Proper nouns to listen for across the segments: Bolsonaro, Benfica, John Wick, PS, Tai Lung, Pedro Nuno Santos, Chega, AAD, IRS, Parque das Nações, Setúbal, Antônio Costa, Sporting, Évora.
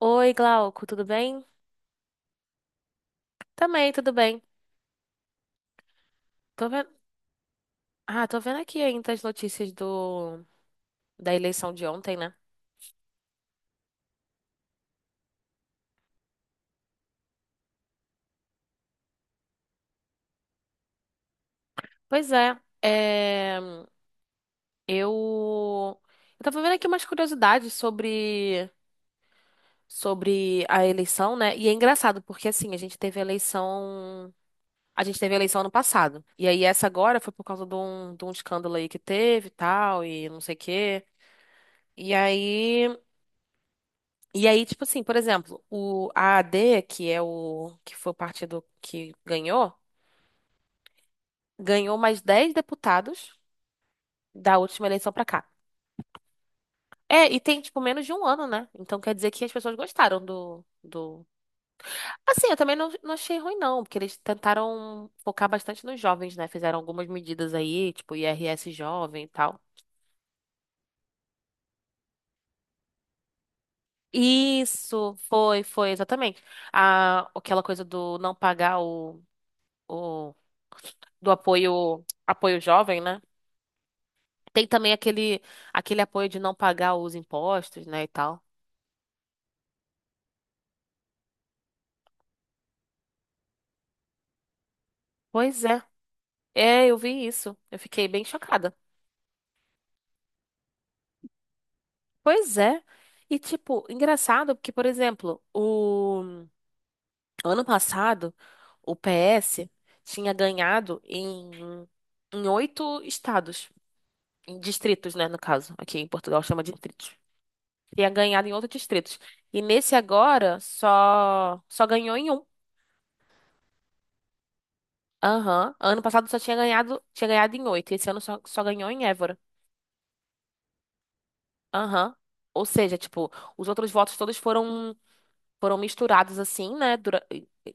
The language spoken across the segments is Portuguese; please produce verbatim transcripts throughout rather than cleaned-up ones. Oi, Glauco, tudo bem? Também, tudo bem. Tô vendo... Ah, tô vendo aqui ainda as notícias do... da eleição de ontem, né? Pois é, é... Eu... eu tava vendo aqui umas curiosidades sobre... sobre a eleição, né? E é engraçado, porque assim, a gente teve eleição... A gente teve eleição ano passado. E aí essa agora foi por causa de um, de um escândalo aí que teve e tal, e não sei o quê. E aí... E aí, tipo assim, por exemplo, o A A D, que é o que foi o partido que ganhou, ganhou mais dez deputados da última eleição pra cá. É, e tem, tipo, menos de um ano, né? Então quer dizer que as pessoas gostaram do, do... Assim, eu também não, não achei ruim, não, porque eles tentaram focar bastante nos jovens, né? Fizeram algumas medidas aí, tipo I R S jovem e tal. Isso, foi, foi, exatamente. A, aquela coisa do não pagar o, o do apoio, apoio jovem, né? Tem também aquele, aquele apoio de não pagar os impostos, né, e tal. Pois é. É, eu vi isso. Eu fiquei bem chocada. Pois é. E, tipo, engraçado, porque, por exemplo, o ano passado, o P S tinha ganhado em, em oito estados, em distritos, né, no caso. Aqui em Portugal chama de distritos. Tinha ganhado em outros distritos. E nesse agora, só, só ganhou em um. Aham. Ano passado só tinha ganhado, tinha ganhado em oito. Esse ano só, só ganhou em Évora. Aham. Ou seja, tipo, os outros votos todos foram foram misturados assim, né, dura-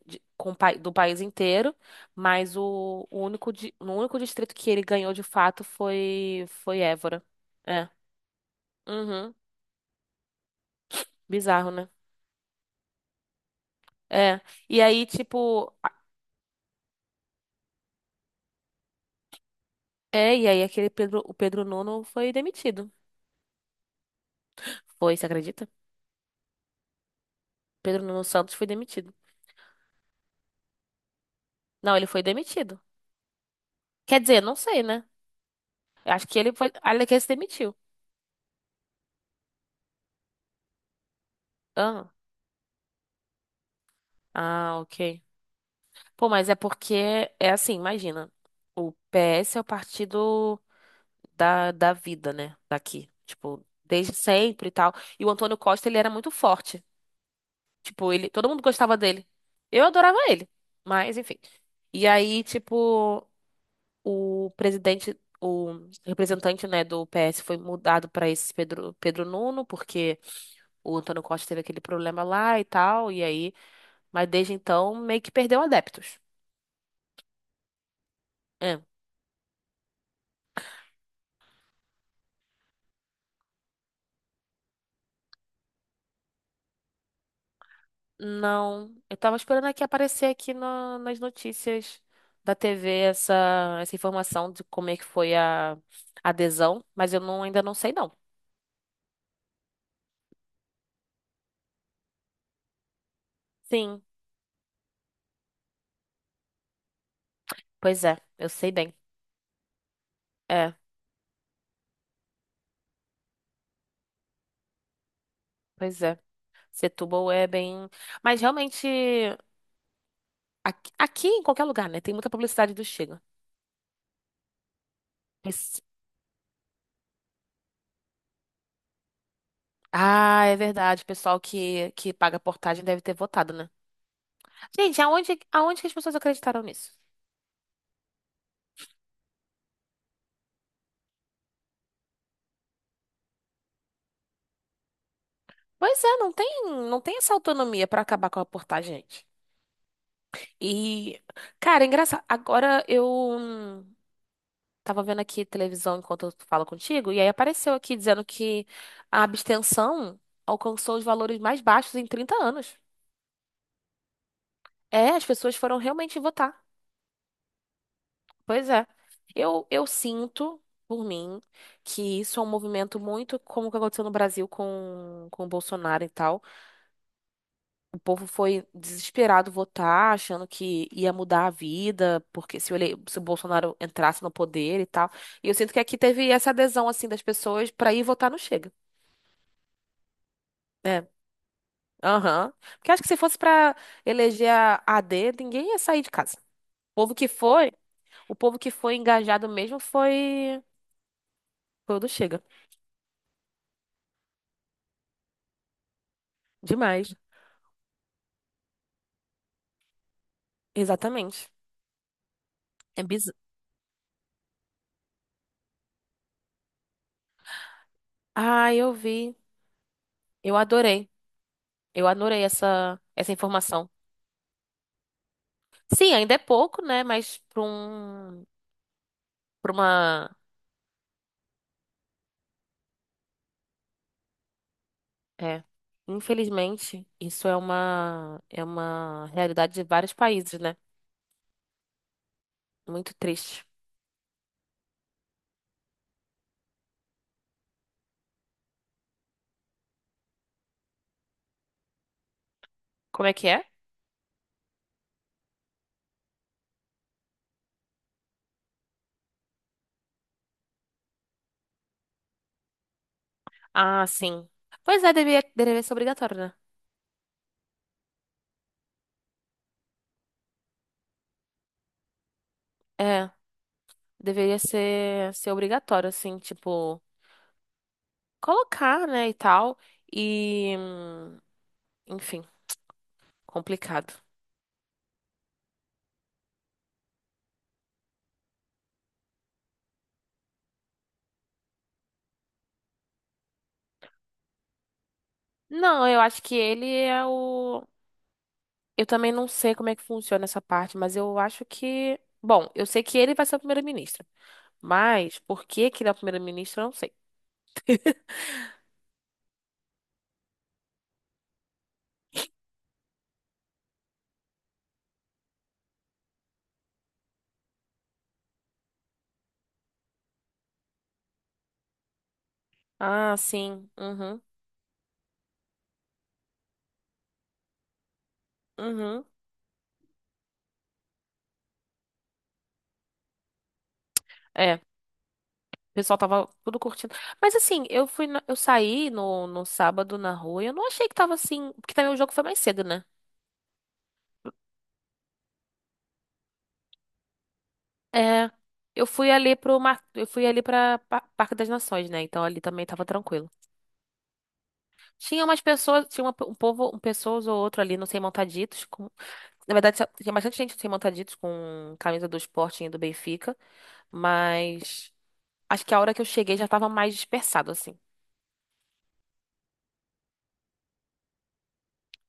de- com, o pai- do país inteiro, mas o, o único di- no único distrito que ele ganhou de fato foi foi Évora. É. Uhum. Bizarro, né? É. E aí, tipo, a- é, e aí aquele Pedro, o Pedro Nuno foi demitido. Foi, você acredita? Pedro Nuno Santos foi demitido. Não, ele foi demitido. Quer dizer, não sei, né? Eu acho que ele foi, olha que ele se demitiu. Ah, ah, ok. Pô, mas é porque é assim, imagina. O P S é o partido da, da vida, né? Daqui. Tipo, desde sempre e tal. E o Antônio Costa, ele era muito forte. Tipo, ele, todo mundo gostava dele. Eu adorava ele. Mas, enfim. E aí, tipo, o presidente, o representante, né, do P S foi mudado pra esse Pedro, Pedro Nuno, porque o Antônio Costa teve aquele problema lá e tal. E aí, mas desde então, meio que perdeu adeptos. É. Não, eu tava esperando aqui aparecer aqui na- nas notícias da T V essa, essa informação de como é que foi a adesão, mas eu não, ainda não sei não. Sim, pois é, eu sei bem. É, pois é. Setúbal é bem. Mas realmente, aqui, aqui em qualquer lugar, né? Tem muita publicidade do Chega. Esse- Ah, é verdade. O pessoal que, que paga portagem deve ter votado, né? Gente, aonde, aonde que as pessoas acreditaram nisso? Pois é, não tem, não tem essa autonomia pra acabar com a portagem, gente. E, cara, é engraçado. Agora eu hum, tava vendo aqui televisão enquanto eu falo contigo, e aí apareceu aqui dizendo que a abstenção alcançou os valores mais baixos em trinta anos. É, as pessoas foram realmente votar. Pois é. Eu, eu sinto, por mim, que isso é um movimento muito como o que aconteceu no Brasil com, com o Bolsonaro e tal. O povo foi desesperado votar, achando que ia mudar a vida, porque se o, ele- se o Bolsonaro entrasse no poder e tal. E eu sinto que aqui teve essa adesão, assim, das pessoas pra ir votar no Chega. É, aham. Porque acho que se fosse pra eleger a AD, ninguém ia sair de casa. O povo que foi, o povo que foi engajado mesmo foi, foi o do Chega. Demais. Exatamente. É bizarro. Ah, eu vi. Eu adorei. Eu adorei essa, essa informação. Sim, ainda é pouco, né? Mas para um Pra uma. É. Infelizmente, isso é uma, é uma realidade de vários países, né? Muito triste. Como é que é? Ah, sim. Pois é, deveria, deveria ser obrigatório, né? É, deveria ser, ser obrigatório, assim, tipo, colocar, né, e tal. E, hum, enfim, complicado. Não, eu acho que ele é o. Eu também não sei como é que funciona essa parte, mas eu acho que. Bom, eu sei que ele vai ser o primeiro-ministro. Mas por que que ele é o primeiro-ministro, eu não sei. Ah, sim. Uhum. Uhum. É. O pessoal tava tudo curtindo. Mas assim, eu fui na- eu saí no, no sábado na rua e eu não achei que tava assim. Porque também o jogo foi mais cedo, né? É. Eu fui ali pro mar... eu fui ali para Parque das Nações, né? Então ali também tava tranquilo. Tinha umas pessoas, tinha uma- um povo, um pessoas ou outro ali, não sei, montaditos com... Na verdade, tinha bastante gente no sem montaditos com camisa do Sporting e do Benfica, mas acho que a hora que eu cheguei já tava mais dispersado, assim.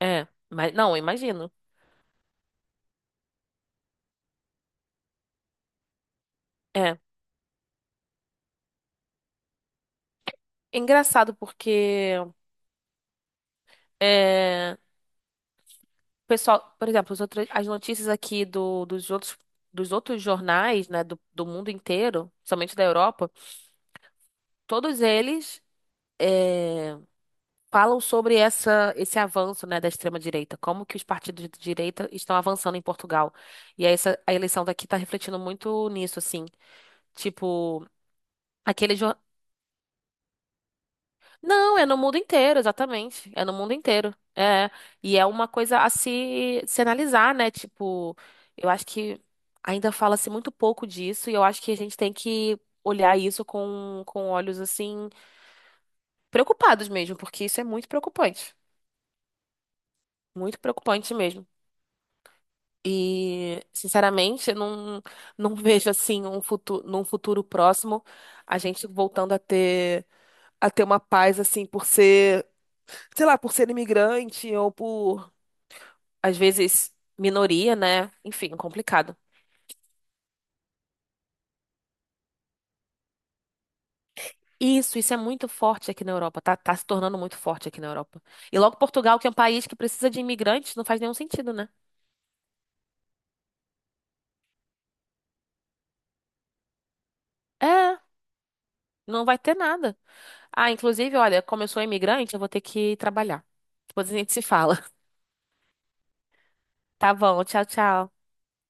É, mas não, eu imagino. É. É engraçado porque é, o pessoal, por exemplo, as outras, as notícias aqui do, dos outros, dos outros jornais, né, do, do mundo inteiro, somente da Europa, todos eles é, falam sobre essa, esse avanço, né, da extrema-direita, como que os partidos de direita estão avançando em Portugal. E aí essa, a eleição daqui está refletindo muito nisso, assim. Tipo, aquele, não, é no mundo inteiro, exatamente. É no mundo inteiro. É. E é uma coisa a se, se analisar, né? Tipo, eu acho que ainda fala-se muito pouco disso e eu acho que a gente tem que olhar isso com, com olhos, assim, preocupados mesmo, porque isso é muito preocupante. Muito preocupante mesmo. E, sinceramente, eu não, não vejo, assim, um futuro, num futuro próximo, a gente voltando a ter, a ter uma paz, assim, por ser sei lá, por ser imigrante ou por às vezes minoria, né? Enfim, complicado. Isso, isso é muito forte aqui na Europa, tá, tá se tornando muito forte aqui na Europa. E logo Portugal, que é um país que precisa de imigrantes, não faz nenhum sentido, né? É, não vai ter nada. Ah, inclusive, olha, como eu sou imigrante, eu vou ter que trabalhar. Depois a gente se fala. Tá bom, tchau, tchau.